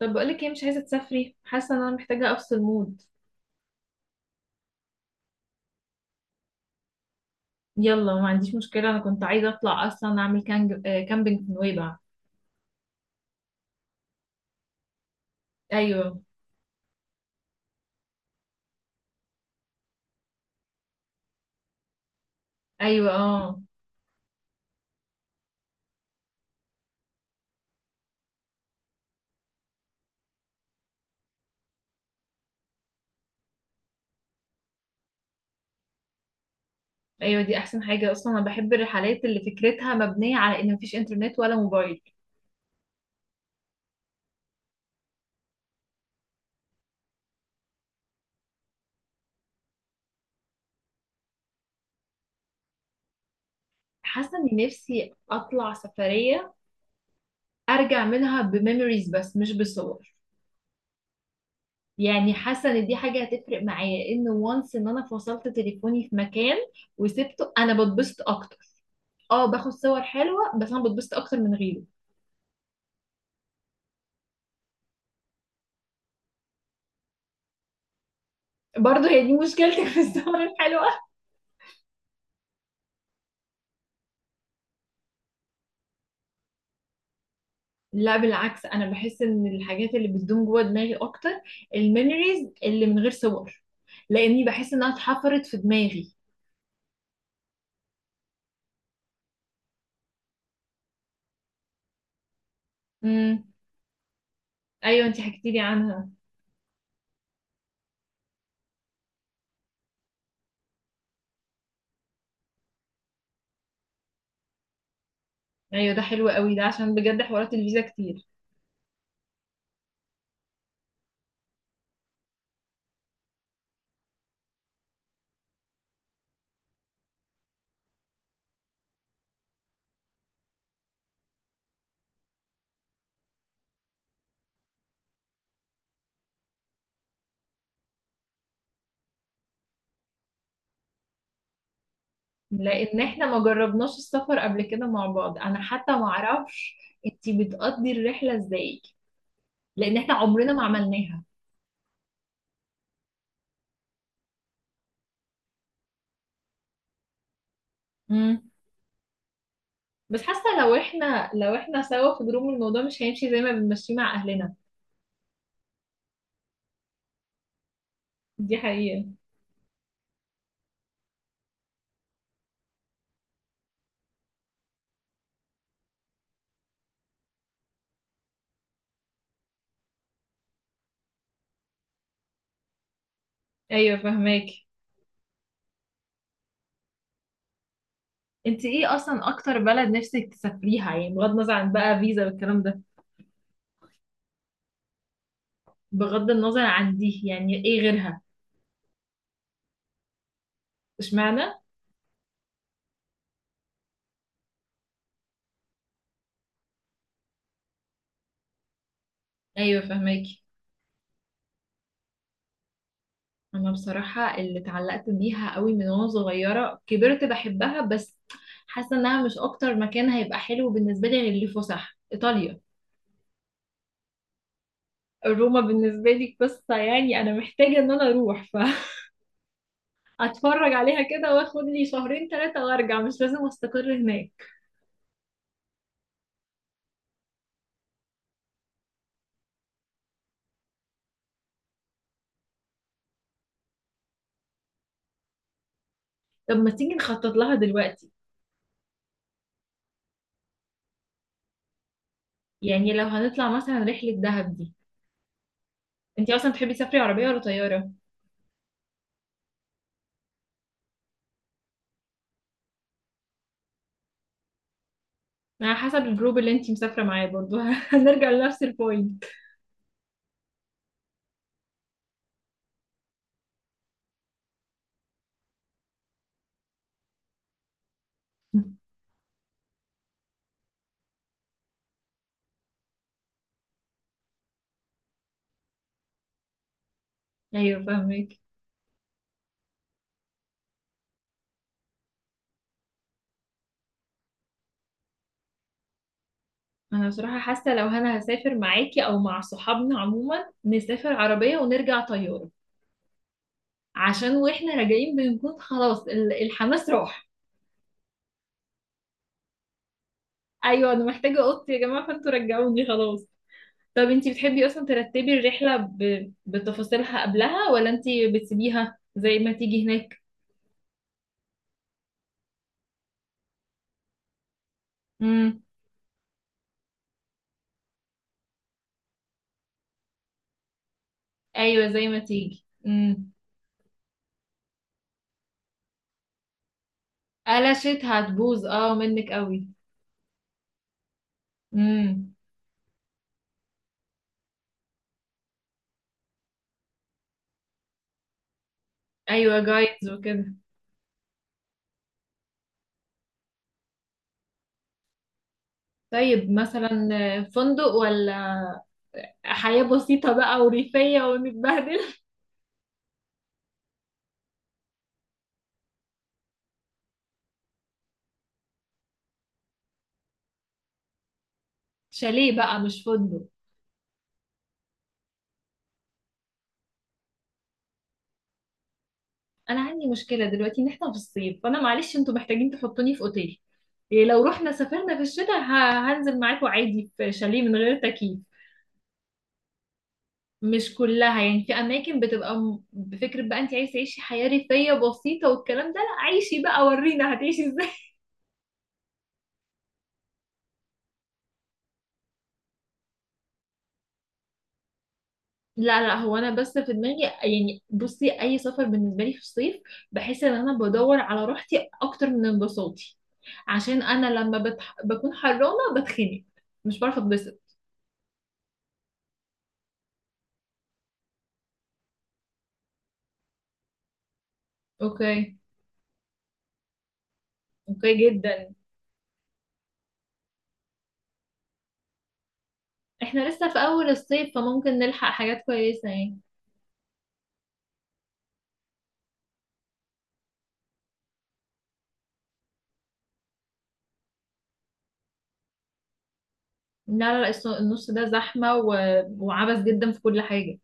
طب بقولك ايه؟ مش عايزة تسافري. حاسة ان انا محتاجة افصل مود. يلا، ما عنديش مشكلة، انا كنت عايزة اطلع اصلا اعمل كانج... آه، كامبينج في نويبع. ايوه. ايوه، اه. ايوه دي احسن حاجة اصلا، انا بحب الرحلات اللي فكرتها مبنية على ان مفيش انترنت ولا موبايل. حاسة اني نفسي اطلع سفرية، ارجع منها بميموريز، بس مش بصور. يعني حاسة ان دي حاجة هتفرق معايا، ان وانس ان انا فصلت تليفوني في مكان وسبته انا بتبسط اكتر. اه باخد صور حلوة، بس انا بتبسط اكتر من غيره. برضه هي دي مشكلتك في السهرة الحلوة. لا بالعكس، انا بحس ان الحاجات اللي بتدوم جوه دماغي اكتر. الميموريز اللي من غير صور، لاني بحس انها اتحفرت في دماغي. امم. ايوه انتي حكيتي لي عنها. ايوه ده حلو قوي ده، عشان بجد حوارات الفيزا كتير. لان احنا ما جربناش السفر قبل كده مع بعض، انا حتى ما اعرفش انتي بتقضي الرحلة ازاي، لان احنا عمرنا ما عملناها. امم. بس حاسة لو احنا سوا في جروب، الموضوع مش هيمشي زي ما بنمشيه مع اهلنا. دي حقيقة. ايوه فهماك. انت ايه اصلا اكتر بلد نفسك تسافريها؟ يعني بغض النظر عن بقى فيزا والكلام ده. بغض النظر عن دي، يعني ايه غيرها؟ اشمعنى؟ ايوه فهماك. انا بصراحة اللي اتعلقت بيها قوي من وانا صغيرة، كبرت بحبها، بس حاسة انها مش اكتر مكان هيبقى حلو بالنسبة لي غير اللي فسح، ايطاليا. روما بالنسبة لي قصة، يعني انا محتاجة ان انا اروح فاتفرج عليها كده، واخد لي شهرين ثلاثة وارجع، مش لازم استقر هناك. طب ما تيجي نخطط لها دلوقتي. يعني لو هنطلع مثلا رحلة دهب دي، انتي اصلا تحبي تسافري عربية ولا طيارة؟ على حسب الجروب اللي انتي مسافرة معاه برضو هنرجع لنفس البوينت. ايوه فاهمك. انا بصراحة حاسة لو انا هسافر معاكي او مع صحابنا عموما، نسافر عربية ونرجع طيارة. عشان واحنا راجعين بنكون خلاص الحماس راح. ايوه انا محتاجة اوضتي يا جماعة، فانتوا رجعوني خلاص. طب انتي بتحبي اصلا ترتبي الرحلة بتفاصيلها قبلها، ولا انتي بتسيبيها زي ما تيجي هناك؟ امم. ايوه زي ما تيجي، امم. قلشت، هتبوظ اه منك قوي. امم. ايوه جايدز وكده. طيب مثلا فندق، ولا حياة بسيطة بقى وريفية ونتبهدل؟ شاليه بقى مش فندق. انا عندي مشكله دلوقتي ان احنا في الصيف، فانا معلش انتوا محتاجين تحطوني في اوتيل. إيه لو رحنا سافرنا في الشتاء، هنزل معاكم عادي في شاليه من غير تكييف. مش كلها، يعني في اماكن بتبقى بفكره بقى انت عايز تعيشي حياه ريفيه بسيطه والكلام ده، لا عيشي بقى ورينا هتعيشي ازاي. لا لا، هو انا بس في دماغي، يعني بصي اي سفر بالنسبه لي في الصيف بحس ان انا بدور على راحتي اكتر من انبساطي، عشان انا لما بكون حرانه بتخنق، مش بعرف اتبسط. اوكي. اوكي جدا. احنا لسه في اول الصيف فممكن نلحق حاجات كويسة يعني. لا لا، النص ده زحمة وعبث جدا في كل حاجة.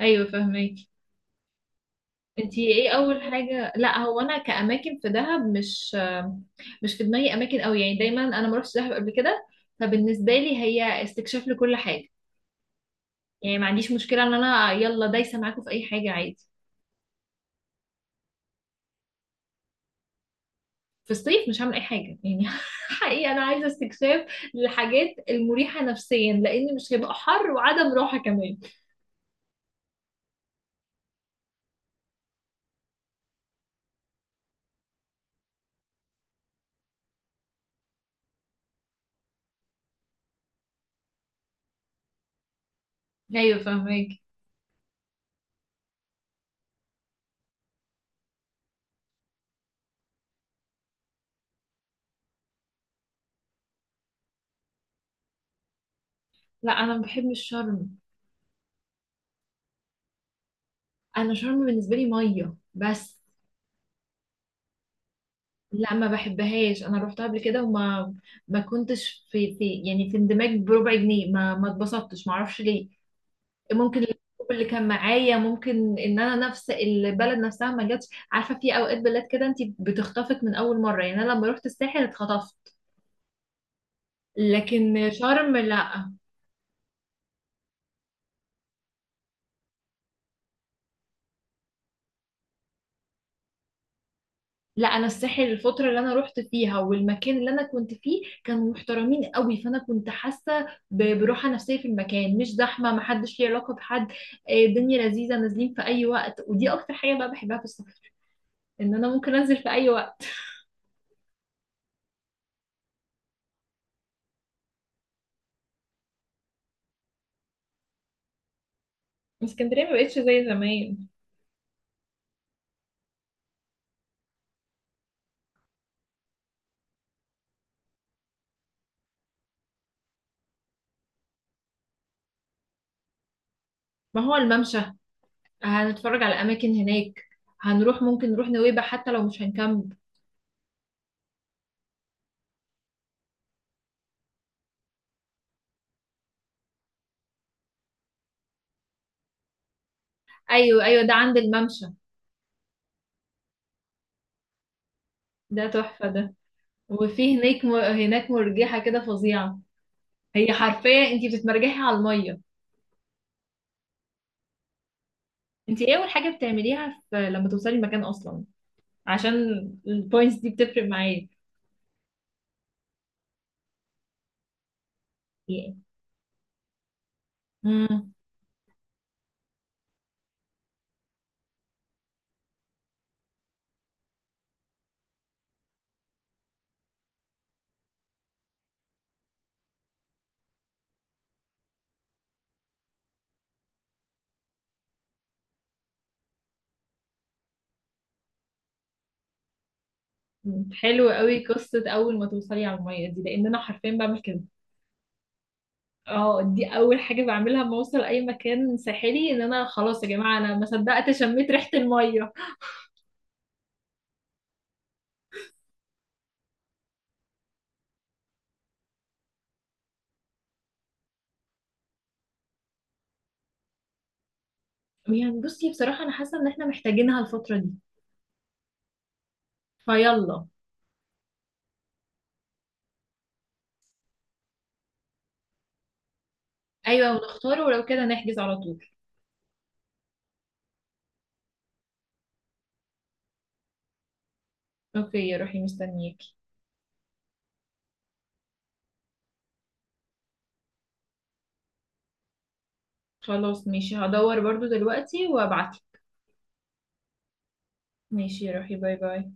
ايوه فهماكي. انتي ايه اول حاجة؟ لا هو انا كأماكن في دهب، مش في دماغي اماكن قوي يعني، دايما انا ما رحتش دهب قبل كده، فبالنسبة لي هي استكشاف لكل حاجة. يعني ما عنديش مشكلة ان انا يلا دايسة معاكم في اي حاجة عادي. في الصيف مش هعمل اي حاجه يعني حقيقي انا عايزه استكشاف للحاجات المريحه نفسيا، لان مش هيبقى حر وعدم راحه كمان. ايوه فهمك. لا انا ما بحبش شرم. انا شرم بالنسبه لي ميه بس. لا ما بحبهاش، انا روحتها قبل كده وما، ما كنتش في يعني في اندماج بربع جنيه، ما اتبسطتش، ما اعرفش ليه. ممكن الجروب اللي كان معايا، ممكن ان انا نفس البلد نفسها ما جاتش. عارفه في اوقات بلاد كده انت بتخطفك من اول مره، يعني انا لما رحت الساحل اتخطفت. لكن شرم لا. لا انا الساحل، الفتره اللي انا رحت فيها والمكان اللي انا كنت فيه كانوا محترمين قوي، فانا كنت حاسه براحه نفسيه في المكان، مش زحمه، محدش ليه علاقه بحد. الدنيا لذيذه، نازلين في اي وقت، ودي اكتر حاجه بقى بحبها في السفر، ان انا ممكن انزل في اي وقت. اسكندريه ما بقتش زي زمان. ما هو الممشى، هنتفرج على اماكن هناك، هنروح ممكن نروح نويبع حتى لو مش هنكمل. ايوه ايوه، ده عند الممشى. ده تحفه ده. وفي هناك، هناك مرجحه كده فظيعه، هي حرفيا انتي بتتمرجحي على الميه. انتي ايه اول حاجه بتعمليها في لما توصلي المكان اصلا؟ عشان البوينتس دي بتفرق معايا. امم. حلو قوي قصه اول ما توصلي على الميه دي، لان انا حرفيا بعمل كده. اه دي اول حاجه بعملها لما اوصل اي مكان ساحلي، ان انا خلاص يا جماعه انا ما صدقت شميت ريحه الميه. يعني بصي بصراحه، انا حاسه ان احنا محتاجينها الفتره دي. فيلا. ايوه ونختار، ولو كده نحجز على طول. اوكي روحي مستنياكي. خلاص ماشي هدور برضو دلوقتي وابعت. ماشي روحي، باي باي.